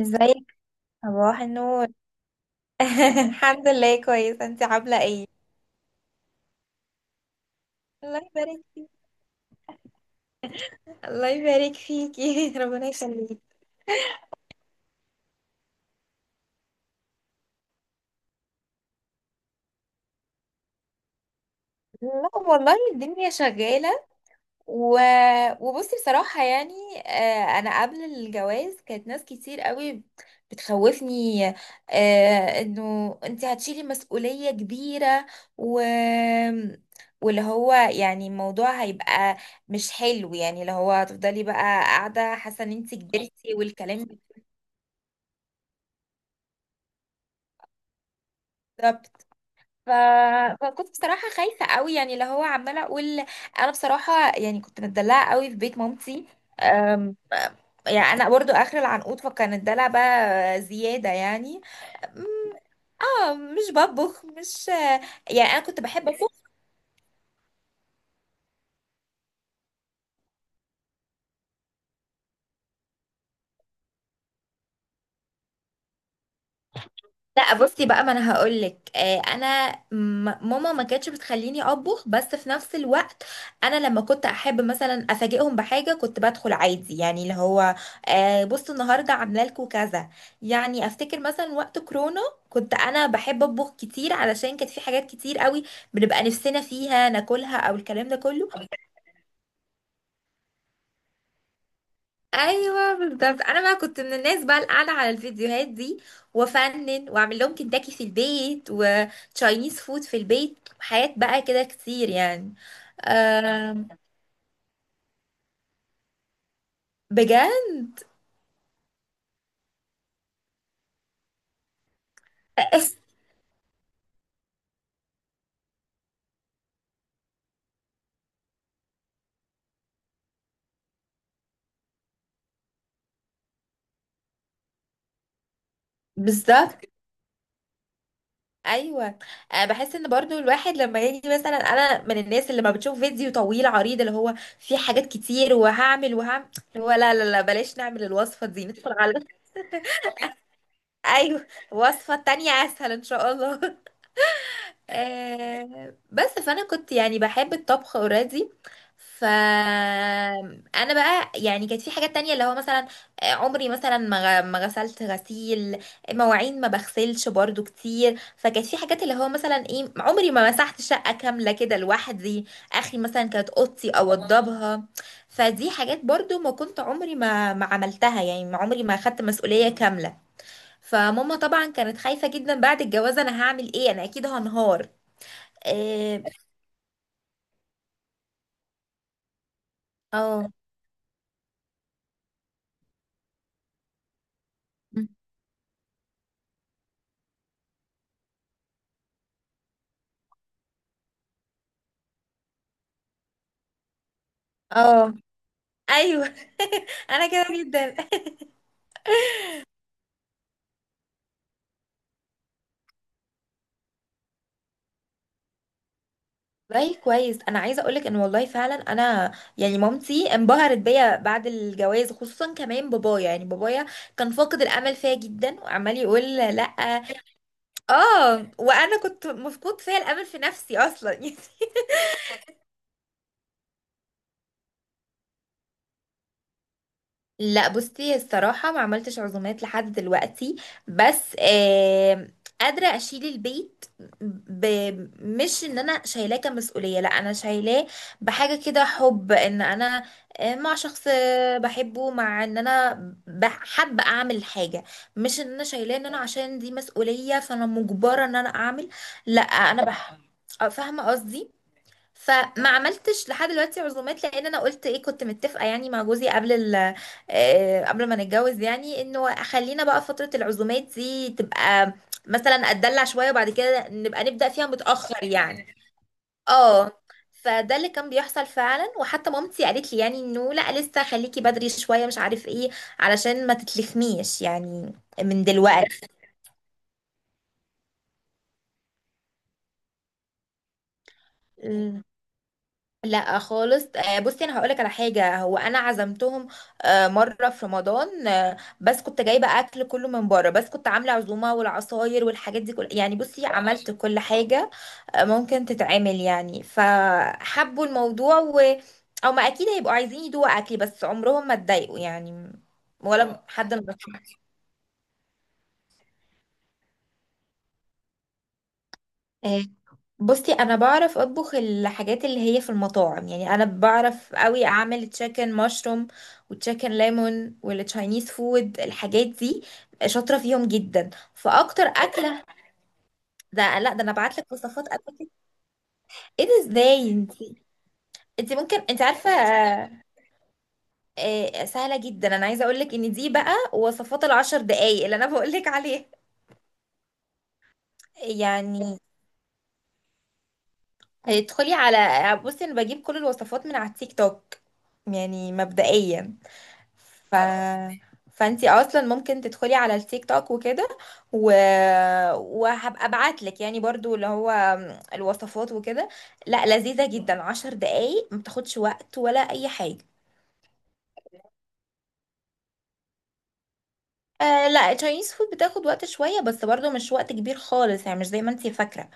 ازيك. صباح النور. الحمد لله، كويس. انت عامله ايه؟ الله يبارك فيك. الله يبارك فيكي. ربنا يخليك. لا والله، الدنيا شغاله. و... وبصي بصراحة، يعني أنا قبل الجواز كانت ناس كتير قوي بتخوفني، إنه أنت هتشيلي مسؤولية كبيرة. و... واللي هو يعني الموضوع هيبقى مش حلو، يعني اللي هو هتفضلي بقى قاعدة حاسة إن أنت كبرتي والكلام ده. بالظبط. ف... فكنت بصراحة خايفة قوي، يعني اللي هو عمالة أقول أنا بصراحة، يعني كنت متدلعة قوي في بيت مامتي. يعني انا برضو اخر العنقود، فكان الدلع بقى زيادة يعني. أم، اه، مش بطبخ، مش يعني، انا كنت بحب اطبخ. لا بصي بقى، ما انا هقولك. ماما ما كانتش بتخليني اطبخ، بس في نفس الوقت انا لما كنت احب مثلا افاجئهم بحاجه كنت بدخل عادي، يعني اللي هو بصوا، النهارده عامله لكم كذا. يعني افتكر مثلا وقت كورونا كنت انا بحب اطبخ كتير، علشان كانت في حاجات كتير قوي بنبقى نفسنا فيها ناكلها او الكلام ده كله. ايوه بالظبط، انا بقى كنت من الناس بقى اللي قاعده على الفيديوهات دي، وافنن واعمل لهم كنتاكي في البيت وتشاينيز فود في البيت، حاجات بقى كده كتير يعني. أم، بجد. أس- بالظبط. ايوه. بحس ان برضو الواحد لما يجي مثلا، انا من الناس اللي ما بتشوف فيديو طويل عريض اللي هو فيه حاجات كتير وهعمل وهعمل، اللي هو لا لا لا، بلاش نعمل الوصفه دي، ندخل على ايوه، وصفه تانية اسهل ان شاء الله. آه بس، فانا كنت يعني بحب الطبخ اوريدي. ف انا بقى يعني كانت في حاجات تانية، اللي هو مثلا عمري مثلا ما غسلت غسيل مواعين، ما بغسلش برضو كتير. فكانت في حاجات اللي هو مثلا ايه، عمري ما مسحت شقة كاملة كده لوحدي. اخري مثلا كانت اوضتي اوضبها. فدي حاجات برضو ما كنت عمري ما عملتها، يعني ما عمري ما خدت مسؤولية كاملة. فماما طبعا كانت خايفة جدا بعد الجواز، انا هعمل ايه، انا اكيد هنهار. إيه. اه اه. ايوه. انا كده جدا. والله كويس، انا عايزه اقولك ان والله فعلا انا يعني مامتي انبهرت بيا بعد الجواز، خصوصا كمان بابايا. يعني بابايا كان فاقد الامل فيا جدا، وعمال يقول لا. اه، وانا كنت مفقود فيا الامل في نفسي اصلا. لا بصي الصراحة، ما عملتش عزومات لحد دلوقتي. بس آه، قادرة أشيل البيت. ب... مش إن أنا شايلاه كمسؤولية، لا أنا شايلاه بحاجة كده حب. إن أنا مع شخص بحبه، مع إن أنا حابة أعمل حاجة. مش إن أنا شايلاه إن أنا عشان دي مسؤولية فأنا مجبرة إن أنا أعمل. لا أنا بح... فاهمة قصدي. فما عملتش لحد دلوقتي عزومات، لان انا قلت ايه، كنت متفقه يعني مع جوزي قبل قبل ما نتجوز، يعني انه خلينا بقى فتره العزومات دي تبقى مثلا اتدلع شويه، وبعد كده نبقى نبدا فيها متاخر يعني. اه. فده اللي كان بيحصل فعلا، وحتى مامتي قالت لي يعني انه لا، لسه خليكي بدري شويه، مش عارف ايه، علشان ما تتلخميش يعني من دلوقتي. لا خالص. بصي انا هقولك على حاجه، هو انا عزمتهم مره في رمضان، بس كنت جايبه اكل كله من بره، بس كنت عامله عزومه والعصاير والحاجات دي كل، يعني بصي عملت كل حاجه ممكن تتعمل يعني. فحبوا الموضوع، و او ما اكيد هيبقوا عايزين يدوقوا اكلي، بس عمرهم ما اتضايقوا يعني. ولا حد من بصي انا بعرف اطبخ الحاجات اللي هي في المطاعم. يعني انا بعرف قوي اعمل تشيكن مشروم وتشيكن ليمون والتشاينيز فود الحاجات دي، شاطره فيهم جدا فاكتر اكله. ده لا، ده انا بعت لك وصفات اكل كده. ايه ده، ازاي انت؟ انت ممكن، انت عارفه سهله جدا. انا عايزه اقول لك ان دي بقى وصفات الـ10 دقايق اللي انا بقول لك عليها. يعني ادخلي على، بصي انا بجيب كل الوصفات من على التيك توك، يعني مبدئيا. ف... فانتي اصلا ممكن تدخلي على التيك توك وكده. و... وهبقى ابعت لك يعني برضو اللي هو الوصفات وكده. لا لذيذة جدا، 10 دقايق، ما بتاخدش وقت ولا اي حاجة. آه لا، التشاينيز فود بتاخد وقت شوية، بس برضو مش وقت كبير خالص يعني، مش زي ما انتي فاكرة.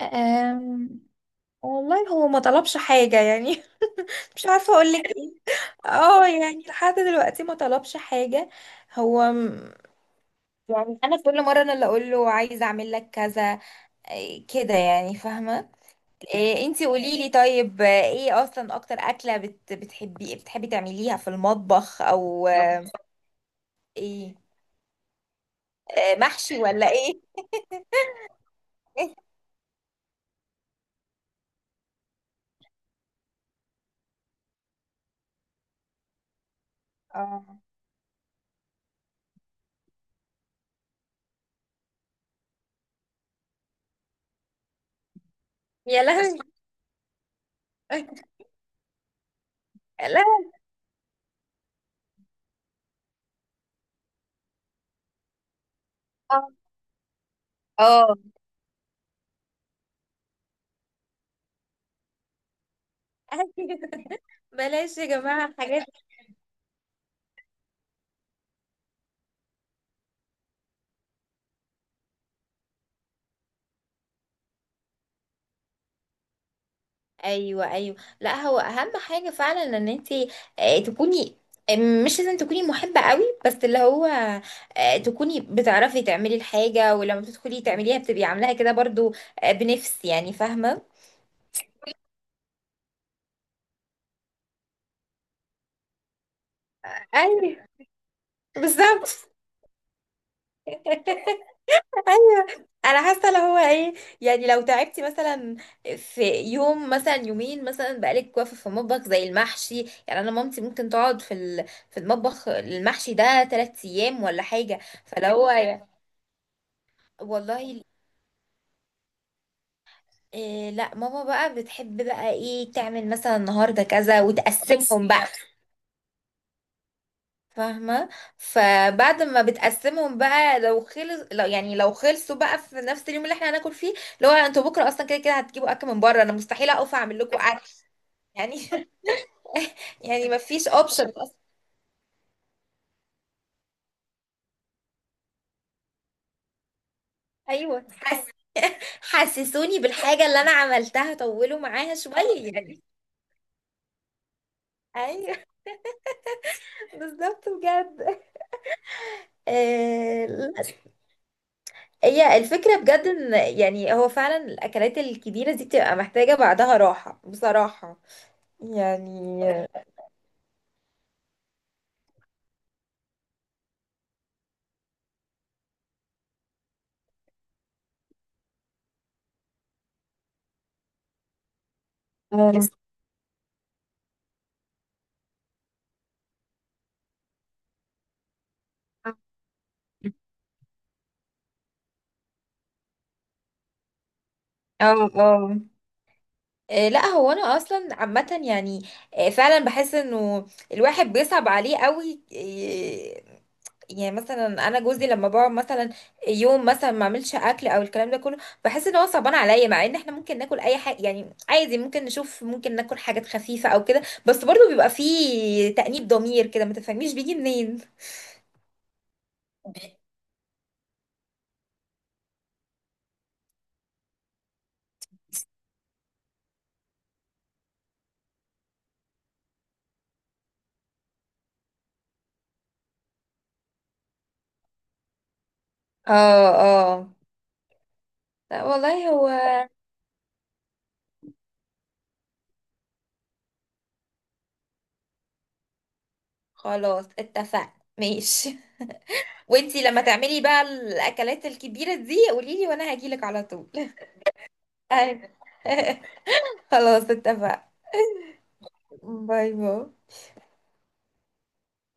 آم... والله هو ما طلبش حاجة يعني. مش عارفة اقول لك ايه. اه، يعني لحد دلوقتي ما طلبش حاجة هو. يعني انا كل مره انا اللي اقول له عايزه اعمل لك كذا، إيه كده، يعني فاهمه. إيه، انتي قولي لي، طيب ايه اصلا اكتر اكله بتحبي تعمليها في المطبخ، او ايه، محشي ولا ايه؟ اه. يا لهوي. لا. اه. آه. بلاش يا جماعه حاجات. ايوه ايوه. لا هو اهم حاجه فعلا ان انت تكوني آه، مش لازم تكوني محبه قوي، بس اللي هو تكوني بتعرفي تعملي الحاجه، ولما بتدخلي تعمليها بتبقي عاملاها كده برضو بنفس، يعني فاهمه. ايوه بالظبط. ايوه. انا حاسه اللي هو ايه، يعني لو تعبتي مثلا في يوم، مثلا يومين مثلا، بقالك واقفه في المطبخ زي المحشي. يعني انا مامتي ممكن تقعد في المطبخ المحشي ده 3 ايام ولا حاجه، فلو هو، والله. إيه لا، ماما بقى بتحب بقى ايه تعمل مثلا النهارده كذا وتقسمهم بقى. فاهمه. فبعد ما بتقسمهم بقى، لو خلص، لو يعني لو خلصوا بقى في نفس اليوم اللي احنا هناكل فيه، لو انتوا بكره اصلا كده كده هتجيبوا اكل من بره، انا مستحيل اقف اعمل لكم اكل يعني. يعني ما فيش اوبشن اصلا. ايوه، حسسوني بالحاجه اللي انا عملتها، طولوا معاها شويه يعني. ايوه. بالظبط بجد. آه، هي الفكرة بجد ان يعني هو فعلا الاكلات الكبيرة دي بتبقى محتاجة بعدها راحة بصراحة يعني. اه اه. لا هو انا اصلا عامه يعني. فعلا بحس انه الواحد بيصعب عليه قوي. يعني مثلا انا جوزي لما بقعد مثلا يوم مثلا ما اعملش اكل او الكلام ده كله، بحس ان هو صعبان عليا، مع ان احنا ممكن ناكل اي حاجه يعني عادي، ممكن نشوف، ممكن ناكل حاجات خفيفه او كده، بس برضه بيبقى فيه تأنيب ضمير كده، ما تفهميش بيجي منين. اه اه. لا والله هو. خلاص اتفقنا. ماشي. وانتي لما تعملي بقى الاكلات الكبيره دي قوليلي، وانا هجيلك على طول. أيوة. خلاص اتفقنا. باي باي.